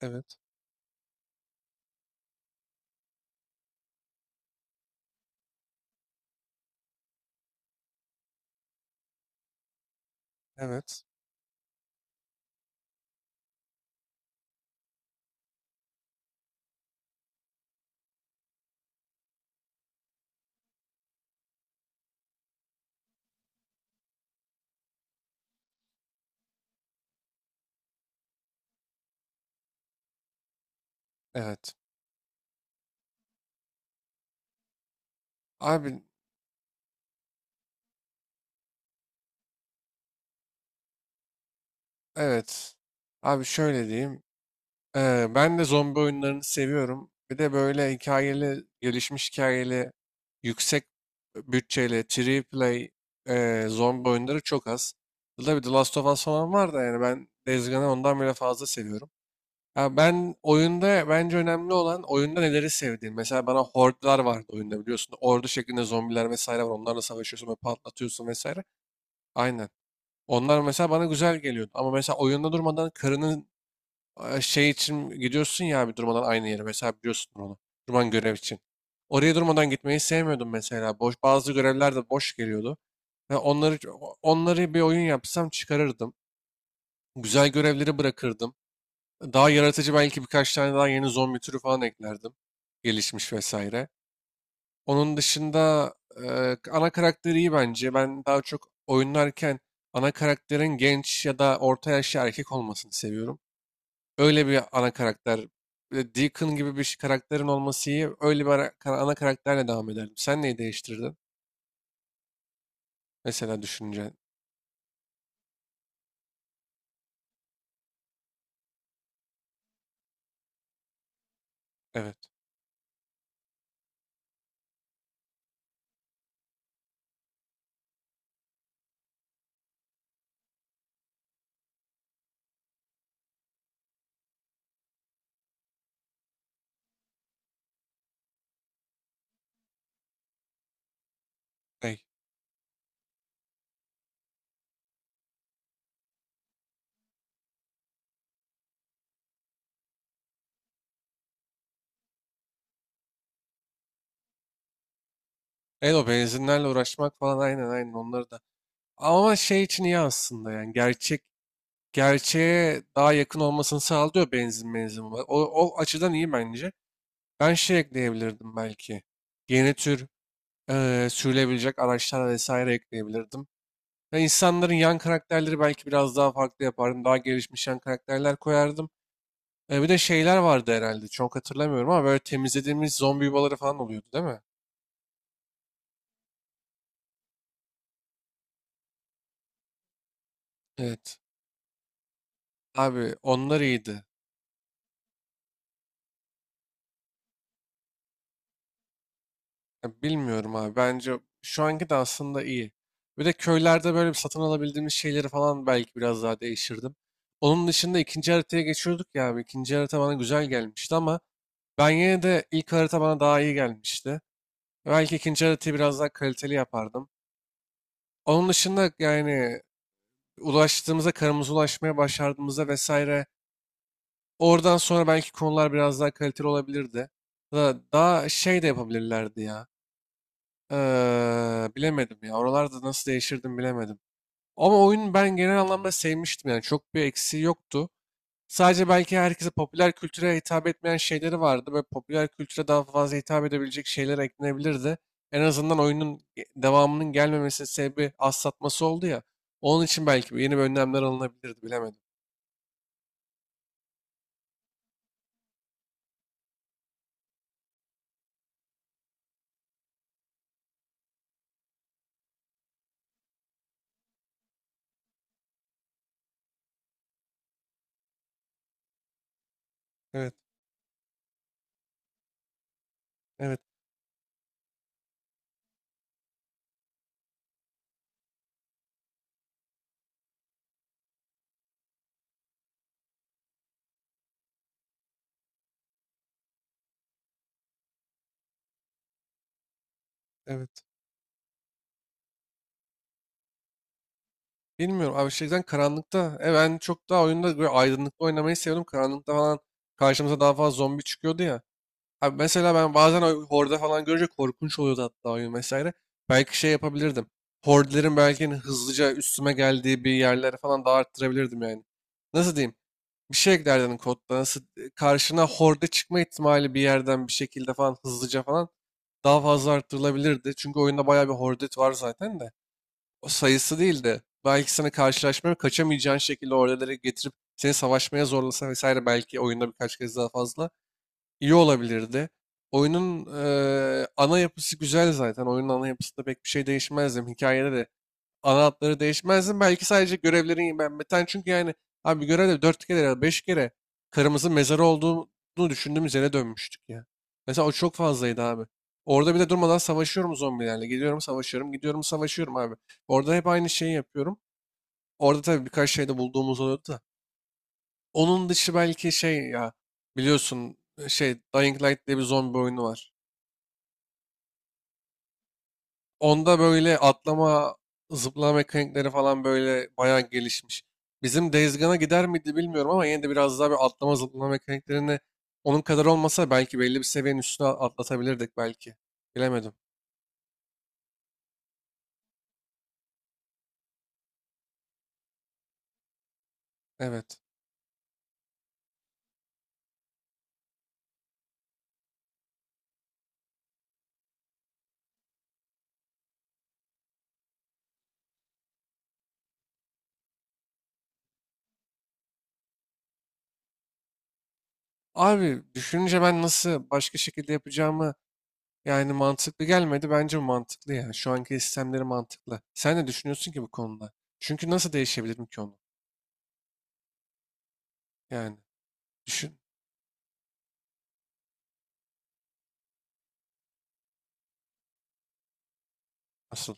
Evet, evet, evet. Abi, evet. Abi şöyle diyeyim. Ben de zombi oyunlarını seviyorum. Bir de böyle hikayeli, gelişmiş hikayeli, yüksek bütçeli, triple play zombi oyunları çok az. Tabii The Last of Us falan var da yani ben Days Gone'ı ondan bile fazla seviyorum. Ya ben oyunda bence önemli olan oyunda neleri sevdiğin. Mesela bana hordlar vardı oyunda biliyorsun. Ordu şeklinde zombiler vesaire var. Onlarla savaşıyorsun ve patlatıyorsun vesaire. Aynen. Onlar mesela bana güzel geliyordu. Ama mesela oyunda durmadan karının şey için gidiyorsun ya abi durmadan aynı yere. Mesela biliyorsun onu. Durman görev için. Oraya durmadan gitmeyi sevmiyordum mesela. Boş, bazı görevler de boş geliyordu. Ve onları bir oyun yapsam çıkarırdım. Güzel görevleri bırakırdım. Daha yaratıcı belki birkaç tane daha yeni zombi türü falan eklerdim. Gelişmiş vesaire. Onun dışında e, ana karakteri iyi bence. Ben daha çok oynarken ana karakterin genç ya da orta yaşlı erkek olmasını seviyorum. Öyle bir ana karakter. Bir de Deacon gibi karakterin olması iyi. Öyle ana karakterle devam ederdim. Sen neyi değiştirirdin? Mesela düşünce. Evet. Ey. Evet, o benzinlerle uğraşmak falan aynen, aynen onları da. Ama şey için iyi aslında yani gerçeğe daha yakın olmasını sağlıyor benzin benzin. O açıdan iyi bence. Ben şey ekleyebilirdim belki. Yeni tür sürülebilecek araçlar vesaire ekleyebilirdim. Ve insanların yan karakterleri belki biraz daha farklı yapardım. Daha gelişmiş yan karakterler koyardım. Bir de şeyler vardı herhalde. Çok hatırlamıyorum ama böyle temizlediğimiz zombi yuvaları falan oluyordu değil mi? Evet. Abi onlar iyiydi. Ya bilmiyorum abi. Bence şu anki de aslında iyi. Bir de köylerde böyle bir satın alabildiğimiz şeyleri falan belki biraz daha değiştirdim. Onun dışında ikinci haritaya geçiyorduk ya abi. İkinci harita bana güzel gelmişti ama ben yine de ilk harita bana daha iyi gelmişti. Belki ikinci haritayı biraz daha kaliteli yapardım. Onun dışında yani ulaştığımızda, karımıza ulaşmaya başardığımızda vesaire, oradan sonra belki konular biraz daha kaliteli olabilirdi. Daha şey de yapabilirlerdi ya. Bilemedim ya. Oralarda nasıl değişirdim bilemedim. Ama oyun ben genel anlamda sevmiştim yani. Çok bir eksiği yoktu. Sadece belki herkese, popüler kültüre hitap etmeyen şeyleri vardı ve popüler kültüre daha fazla hitap edebilecek şeyler eklenebilirdi. En azından oyunun devamının gelmemesi sebebi az satması oldu ya. Onun için belki yeni bir önlemler alınabilirdi, bilemedim. Evet, evet, evet. Bilmiyorum abi, şeyden karanlıkta. Ben çok daha oyunda böyle aydınlıkta oynamayı seviyorum. Karanlıkta falan karşımıza daha fazla zombi çıkıyordu ya. Abi mesela ben bazen o horde falan görünce korkunç oluyordu hatta oyun vesaire. Belki şey yapabilirdim. Hordelerin belki hani hızlıca üstüme geldiği bir yerlere falan daha arttırabilirdim yani. Nasıl diyeyim? Bir şey eklerdim kodda. Nasıl, karşına horde çıkma ihtimali bir yerden bir şekilde falan hızlıca falan daha fazla arttırılabilirdi. Çünkü oyunda bayağı bir horde var zaten de. O sayısı değil de belki sana karşılaşmaya kaçamayacağın şekilde hordeleri getirip seni savaşmaya zorlasa vesaire, belki oyunda birkaç kez daha fazla iyi olabilirdi. Oyunun ana yapısı güzel zaten. Oyunun ana yapısında pek bir şey değişmezdim. Hikayede de ana hatları değişmezdim. Belki sadece görevlerin yenilenmeden. Çünkü yani abi bir görevde 4 kere ya da 5 kere karımızın mezarı olduğunu düşündüğümüz yere dönmüştük ya. Mesela o çok fazlaydı abi. Orada bir de durmadan savaşıyorum zombilerle. Gidiyorum savaşıyorum, gidiyorum savaşıyorum abi. Orada hep aynı şeyi yapıyorum. Orada tabii birkaç şey de bulduğumuz oluyordu da. Onun dışı belki şey ya, biliyorsun şey, Dying Light diye bir zombi oyunu var. Onda böyle atlama, zıplama mekanikleri falan böyle bayağı gelişmiş. Bizim Days Gone'a gider miydi bilmiyorum ama yine de biraz daha bir atlama zıplama mekaniklerini onun kadar olmasa belki belli bir seviyenin üstüne atlatabilirdik belki. Bilemedim. Evet. Abi düşününce ben nasıl başka şekilde yapacağımı, yani mantıklı gelmedi. Bence mantıklı ya. Şu anki sistemleri mantıklı. Sen ne düşünüyorsun ki bu konuda? Çünkü nasıl değişebilirim ki onu? Yani düşün asıl.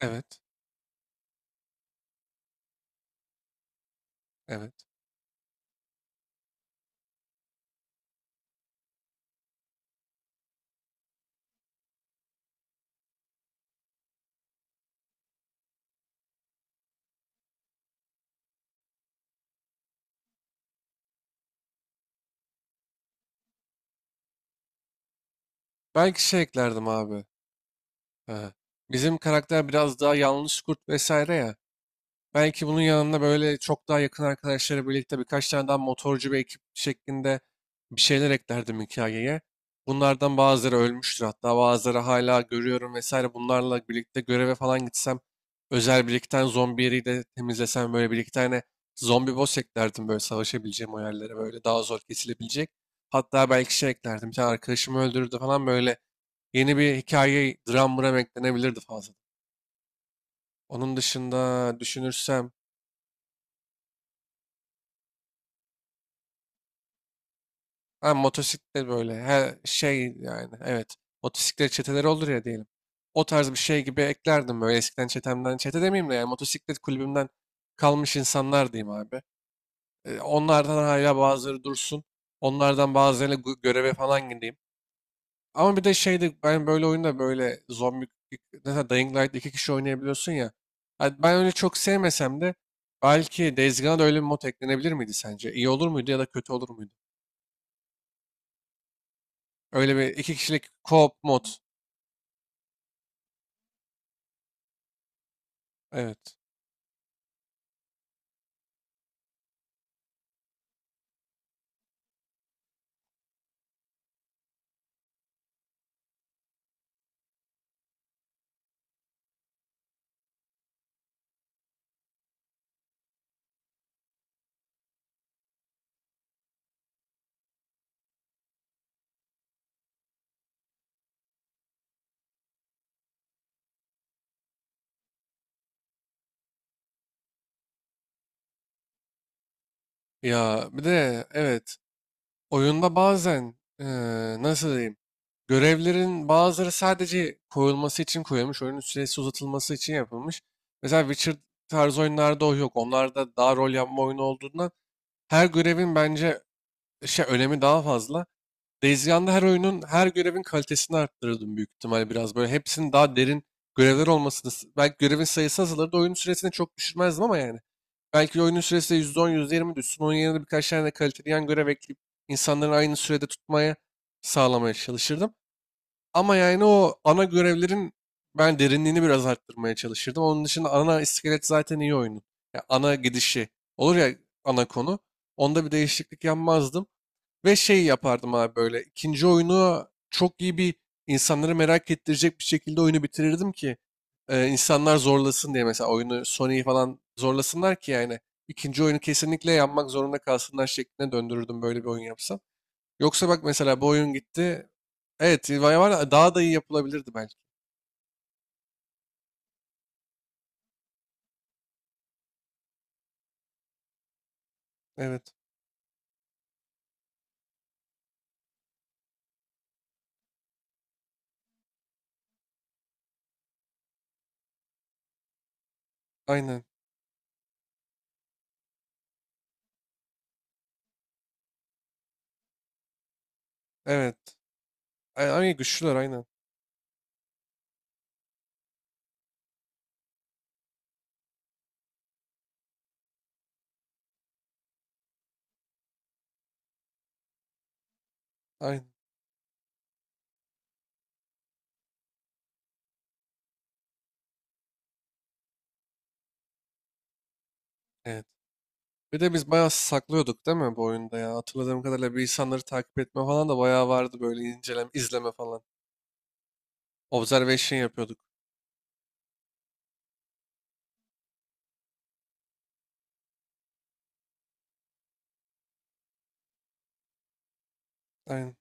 Evet. Evet. Belki şey eklerdim abi. Ee, Bizim karakter biraz daha yanlış kurt vesaire ya. Belki bunun yanında böyle çok daha yakın arkadaşları birlikte birkaç tane daha motorcu bir ekip şeklinde bir şeyler eklerdim hikayeye. Bunlardan bazıları ölmüştür, hatta bazıları hala görüyorum vesaire. Bunlarla birlikte göreve falan gitsem, özel bir iki tane zombi yeri de temizlesem, böyle bir iki tane zombi boss eklerdim böyle savaşabileceğim o yerlere, böyle daha zor kesilebilecek. Hatta belki şey eklerdim, bir tane arkadaşımı öldürdü falan, böyle yeni bir hikaye dram mıram eklenebilirdi fazla. Onun dışında düşünürsem, ha, motosiklet böyle, her şey yani evet. Motosiklet çeteleri olur ya diyelim. O tarz bir şey gibi eklerdim, böyle eskiden çetemden. Çete demeyeyim de yani motosiklet kulübümden kalmış insanlar diyeyim abi. Onlardan hala bazıları dursun. Onlardan bazılarıyla göreve falan gideyim. Ama bir de şeydi, ben böyle oyunda böyle zombi, mesela Dying Light iki kişi oynayabiliyorsun ya. Ha, ben öyle çok sevmesem de belki Days Gone'a da öyle bir mod eklenebilir miydi sence? İyi olur muydu ya da kötü olur muydu? Öyle bir iki kişilik co-op mod. Evet. Ya bir de evet, oyunda bazen, nasıl diyeyim, görevlerin bazıları sadece koyulması için koyulmuş. Oyunun süresi uzatılması için yapılmış. Mesela Witcher tarzı oyunlarda o yok. Onlarda daha rol yapma oyunu olduğundan her görevin bence şey, önemi daha fazla. Days Gone'da her oyunun her görevin kalitesini arttırırdım büyük ihtimal, biraz böyle hepsinin daha derin görevler olmasını, belki görevin sayısı azalırdı, oyunun süresini çok düşürmezdim ama yani belki oyunun süresi de %10-%20 düşsün. Onun yerine birkaç tane de kaliteli yan görev ekleyip insanların aynı sürede tutmaya, sağlamaya çalışırdım. Ama yani o ana görevlerin ben derinliğini biraz arttırmaya çalışırdım. Onun dışında ana iskelet zaten iyi oyunun. Ya ana gidişi olur ya, ana konu. Onda bir değişiklik yapmazdım. Ve şey yapardım abi, böyle ikinci oyunu çok iyi bir, insanları merak ettirecek bir şekilde oyunu bitirirdim ki, insanlar zorlasın diye, mesela oyunu, Sony'yi falan zorlasınlar ki yani ikinci oyunu kesinlikle yapmak zorunda kalsınlar şekline döndürürdüm, böyle bir oyun yapsam. Yoksa bak mesela, bu oyun gitti. Evet, vay var, daha da iyi yapılabilirdi belki. Evet. Aynen. Evet. Ay, ay güçlüler aynen. Aynen. Evet. Bir de biz bayağı saklıyorduk değil mi bu oyunda ya? Hatırladığım kadarıyla bir insanları takip etme falan da bayağı vardı, böyle inceleme, izleme falan. Observation yapıyorduk. Aynen.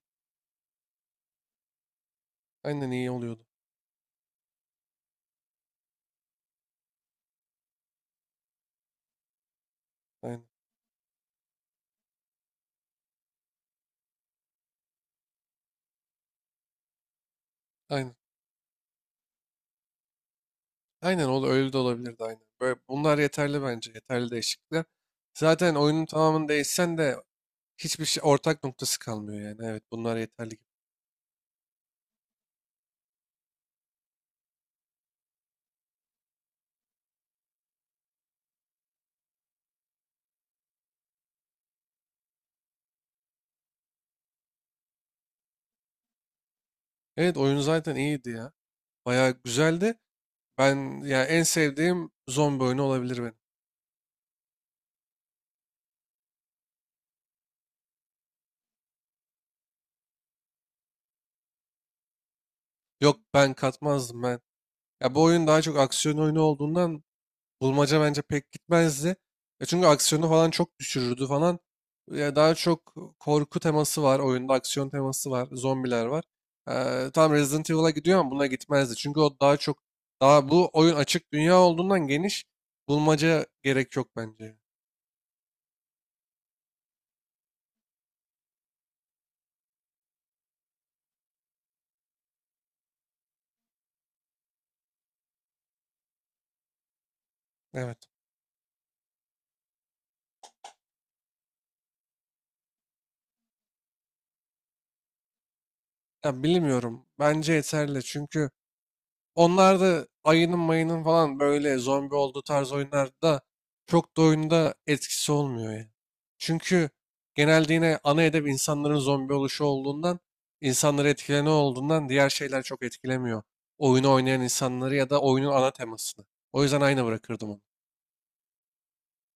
Aynen iyi oluyordu. Aynen. Aynen. Aynen öyle de olabilirdi aynen. Böyle bunlar yeterli bence. Yeterli değişiklikler. Zaten oyunun tamamını değişsen de hiçbir şey ortak noktası kalmıyor yani. Evet, bunlar yeterli gibi. Evet, oyun zaten iyiydi ya. Bayağı güzeldi. Ben ya en sevdiğim zombi oyunu olabilir benim. Yok, ben katmazdım ben. Ya bu oyun daha çok aksiyon oyunu olduğundan bulmaca bence pek gitmezdi. Ya çünkü aksiyonu falan çok düşürürdü falan. Ya daha çok korku teması var oyunda, aksiyon teması var, zombiler var. Tam Resident Evil'a gidiyor ama buna gitmezdi. Çünkü o daha çok, daha bu oyun açık dünya olduğundan geniş bulmaca gerek yok bence. Evet. Ya bilmiyorum. Bence yeterli. Çünkü onlar da ayının mayının falan böyle zombi olduğu tarz oyunlarda çok da oyunda etkisi olmuyor ya. Çünkü genelde yine ana hedef insanların zombi oluşu olduğundan, insanları etkilene olduğundan diğer şeyler çok etkilemiyor. Oyunu oynayan insanları ya da oyunun ana temasını. O yüzden aynı bırakırdım onu.